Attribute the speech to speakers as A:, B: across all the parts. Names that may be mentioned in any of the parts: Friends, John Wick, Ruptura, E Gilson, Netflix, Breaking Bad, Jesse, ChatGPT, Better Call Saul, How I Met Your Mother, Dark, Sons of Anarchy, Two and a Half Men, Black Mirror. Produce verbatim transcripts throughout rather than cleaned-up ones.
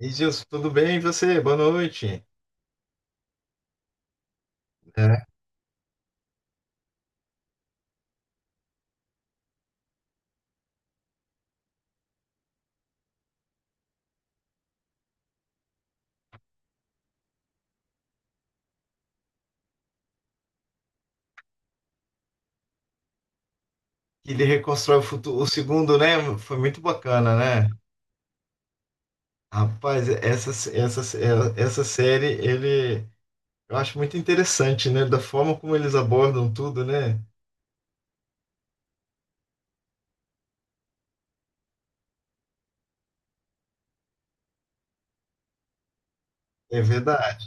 A: E Gilson, tudo bem? E você? Boa noite. É. Ele reconstrói o futuro. O segundo, né? Foi muito bacana, né? Rapaz, essa, essa, essa série, ele, eu acho muito interessante, né? Da forma como eles abordam tudo, né? É verdade,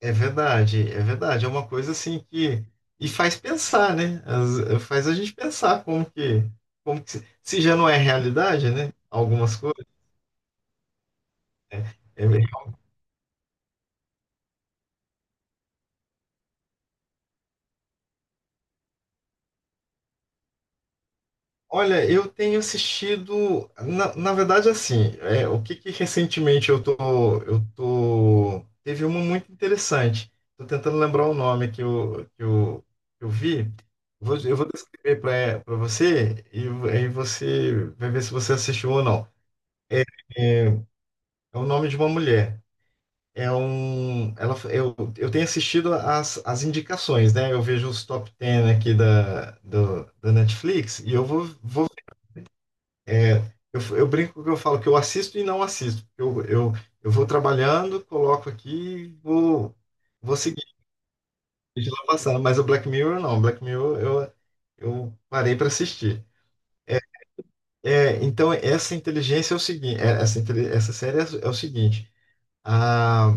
A: é verdade, é verdade. É uma coisa assim que. E faz pensar, né? As- faz a gente pensar como que. Como que se, se já não é realidade, né? Algumas coisas. Né? É. Olha, eu tenho assistido, na, na verdade, assim, é, o que que recentemente eu tô, eu tô, teve uma muito interessante. Tô tentando lembrar o nome que eu, que eu, que eu vi. Vou- eu vou descrever para para você e aí você vai ver se você assistiu ou não. É, é o nome de uma mulher. É um, ela, eu, eu tenho assistido as, as indicações, né? Eu vejo os top dez aqui da, do, da Netflix e eu vou, vou É, eu, eu brinco que eu falo que eu assisto e não assisto. Eu, eu, eu vou trabalhando, coloco aqui e vou, vou seguir, deixa lá passando. Mas o Black Mirror não. Black Mirror eu, eu parei para assistir. É, é, então, essa inteligência é o seguinte: é, essa, inte essa série é, é o seguinte: a,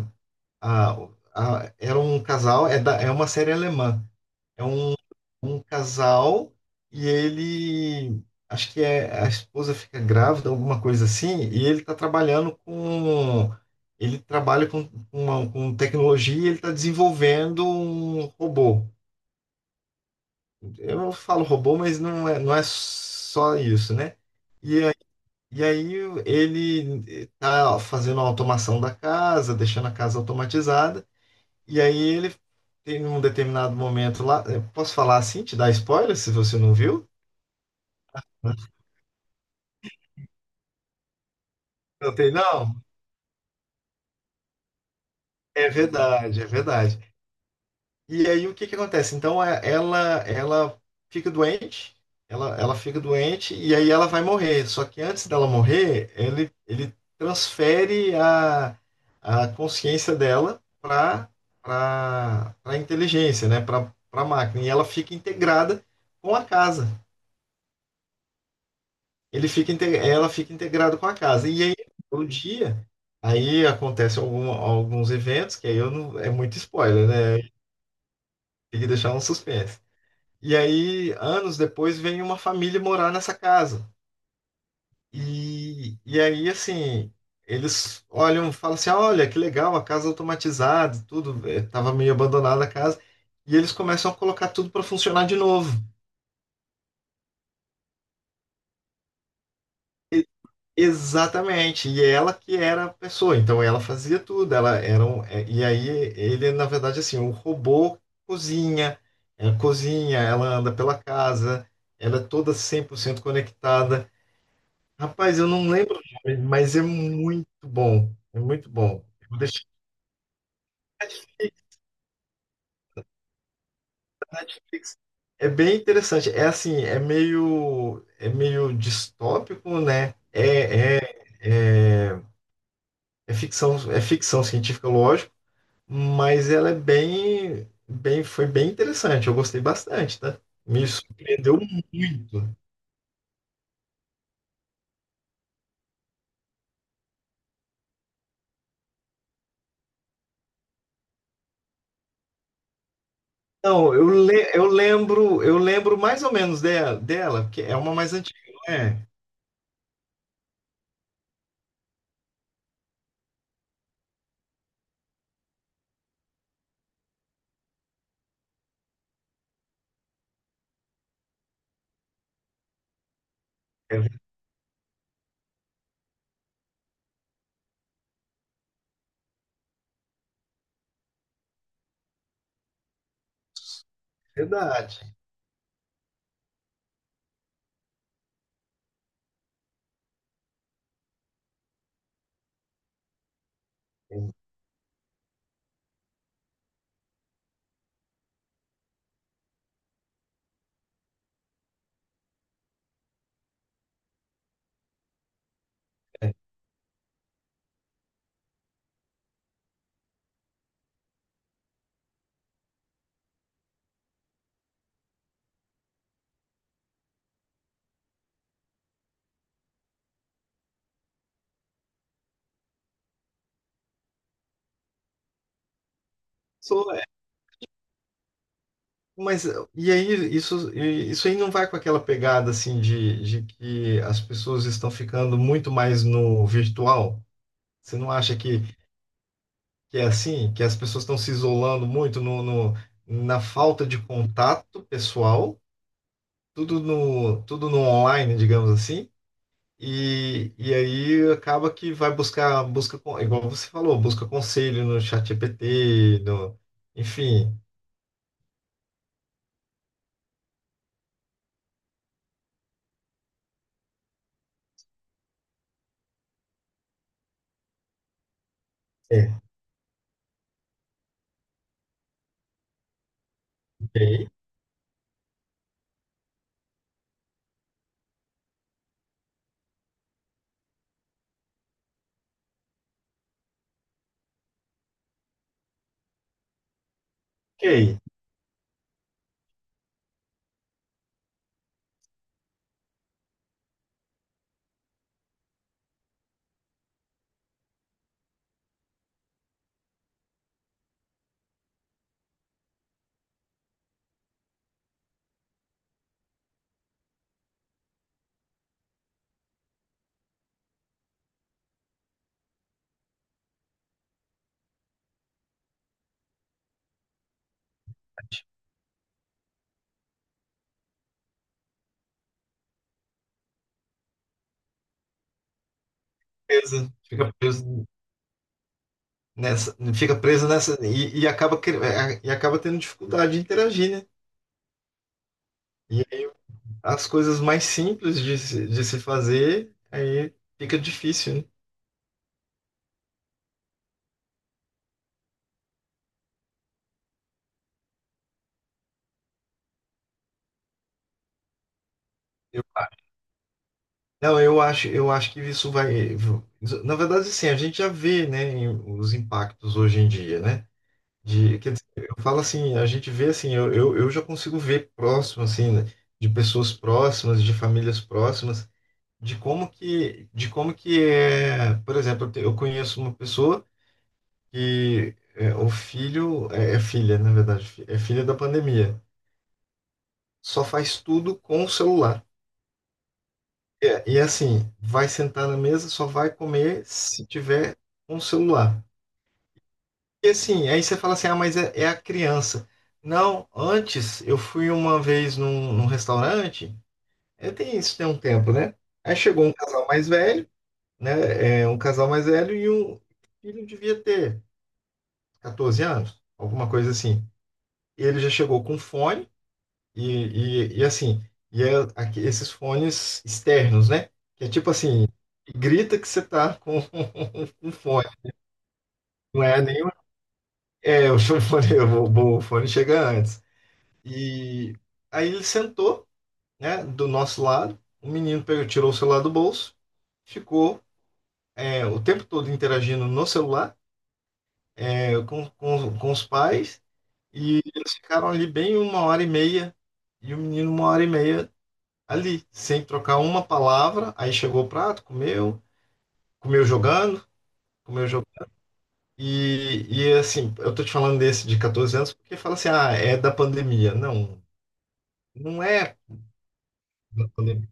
A: a, a- era um casal, é, da, é uma série alemã. É um um casal e ele, acho que é, a esposa fica grávida, alguma coisa assim, e ele está trabalhando com, ele trabalha com, uma, com tecnologia, e ele está desenvolvendo um robô. Eu não falo robô, mas não é, não é só isso, né? E aí, e aí ele está fazendo a automação da casa, deixando a casa automatizada, e aí ele tem um determinado momento lá, eu posso falar assim, te dar spoiler se você não viu? Não tem, não? É verdade, é verdade. E aí o que que acontece? Então é- ela ela fica doente, ela, ela fica doente e aí ela vai morrer. Só que antes dela morrer, ele, ele transfere a, a consciência dela para para a inteligência, né? Para para máquina. E ela fica integrada com a casa. Ele fica, inte- ela fica integrada com a casa. E aí o dia. Aí acontece algum- alguns eventos, que aí eu não, é muito spoiler, né? Tem que deixar um suspense. E aí, anos depois, vem uma família morar nessa casa. E, e aí, assim, eles olham, falam assim: olha, que legal, a casa automatizada, tudo, eh, tava meio abandonada a casa. E eles começam a colocar tudo para funcionar de novo. E- Exatamente. E ela que era a pessoa, então ela fazia tudo. Ela era um, eh, e aí, ele, na verdade, assim, o robô cozinha, eh, cozinha, ela anda pela casa, ela é toda cem por cento conectada. Rapaz, eu não lembro o nome, mas é muito bom. É muito bom. Eu vou deixar aqui. É bem interessante. É assim, é meio, é meio distópico, né? É, é, é, é ficção, é ficção científica, lógico, mas ela é bem, bem, foi bem interessante. Eu gostei bastante, tá? Me surpreendeu muito. Não, eu, le, eu lembro, eu lembro mais ou menos dela, dela, porque é uma mais antiga, não é? É verdade. É, é. Sou. Mas e aí, isso, isso aí não vai com aquela pegada assim de, de que as pessoas estão ficando muito mais no virtual? Você não acha que, que é assim? Que as pessoas estão se isolando muito no, no- na falta de contato pessoal, tudo no, tudo no online, digamos assim, e, e aí acaba que vai buscar, busca, con- igual você falou, busca conselho no chat G P T no, enfim. É. Ok, ok. Beleza. Fica preso nessa, fica preso nessa e, e acaba cri- é, e acaba tendo dificuldade de interagir, né? E aí as coisas mais simples de, se- de se fazer aí fica difícil, né? Eu acho. Não, eu acho, eu acho que isso vai. Na verdade, assim, a gente já vê, né, em- os impactos hoje em dia, né? De, quer dizer, eu falo assim, a gente vê assim, eu, eu, eu já consigo ver próximo, assim, né, de pessoas próximas, de famílias próximas, de como que, de como que é, por exemplo, eu te- eu conheço uma pessoa que é, o filho, é, é filha, na verdade, fi- é filha da pandemia. Só faz tudo com o celular. É, e assim, vai sentar na mesa, só vai comer se tiver um celular. E assim, aí você fala assim, ah, mas é, é a criança. Não, antes eu fui uma vez num, num restaurante, é, tem isso tem um tempo, né? Aí chegou um casal mais velho, né? É, um casal mais velho e um filho devia ter catorze anos, alguma coisa assim. Ele já chegou com fone. E, e, e assim, e é aqui, esses fones externos, né? Que é tipo assim, grita que você tá com um fone. Não é nenhum. É, o fone, o, o fone chega antes. E aí ele sentou, né, do nosso lado. O menino pegou, tirou o celular do bolso, ficou é, o tempo todo interagindo no celular, é, com, com, com os pais. E eles ficaram ali bem uma hora e meia. E o menino, uma hora e meia ali, sem trocar uma palavra. Aí chegou o prato, comeu, comeu jogando, comeu jogando. E, e assim, eu tô te falando desse de catorze anos porque fala assim, ah, é da pandemia. Não, não é da pandemia.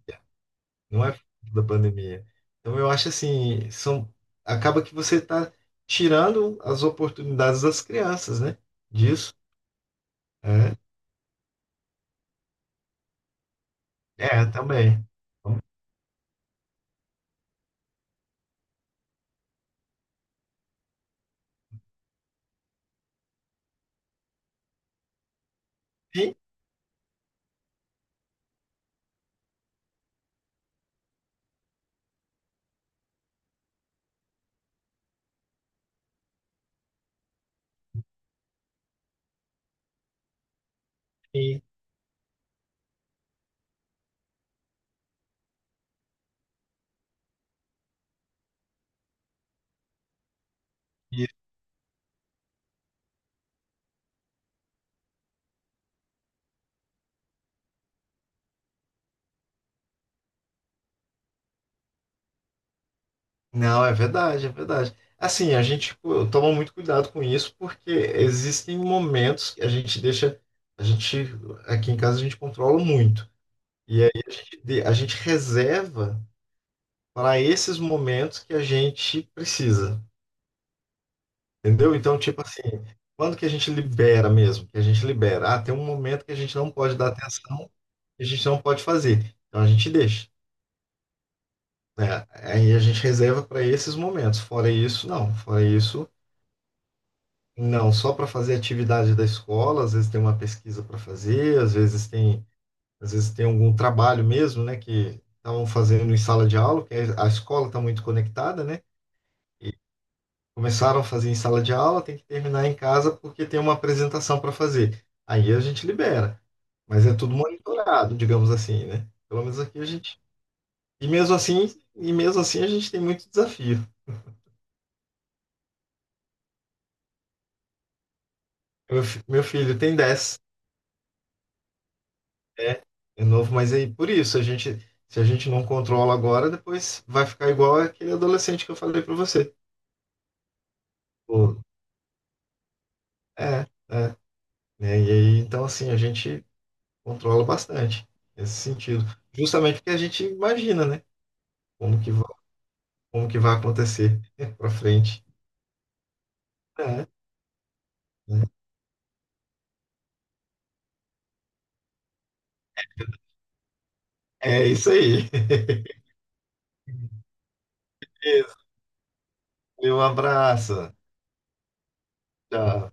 A: Não é da pandemia. Então eu acho assim, são, acaba que você tá tirando as oportunidades das crianças, né? Disso. É, é também. Então, sim, sim. Não, é verdade, é verdade. Assim, a gente, pô, toma muito cuidado com isso, porque existem momentos que a gente deixa, a gente, aqui em casa a gente controla muito. E aí a gente, de- a gente reserva para esses momentos que a gente precisa, entendeu? Então, tipo assim, quando que a gente libera mesmo? Que a gente libera. Ah, tem um momento que a gente não pode dar atenção, que a gente não pode fazer. Então a gente deixa, né? Aí a gente reserva para esses momentos. Fora isso, não. Fora isso. Não, só para fazer atividade da escola, às vezes tem uma pesquisa para fazer, às vezes tem, às vezes tem algum trabalho mesmo, né, que estavam fazendo em sala de aula, que a escola está muito conectada, né? Começaram a fazer em sala de aula, tem que terminar em casa porque tem uma apresentação para fazer. Aí a gente libera, mas é tudo monitorado, digamos assim, né? Pelo menos aqui a gente. E mesmo assim, e mesmo assim a gente tem muito desafio. Meu, fi- meu filho tem dez. É, é novo, mas aí por isso a gente, se a gente não controla agora, depois vai ficar igual aquele adolescente que eu falei pra você. Pô, é, é, né? E aí, então assim, a gente controla bastante nesse sentido, justamente porque a gente imagina, né? Como que vai, como que vai acontecer pra frente. É, né? É isso aí. Isso. Um abraço. Tchau.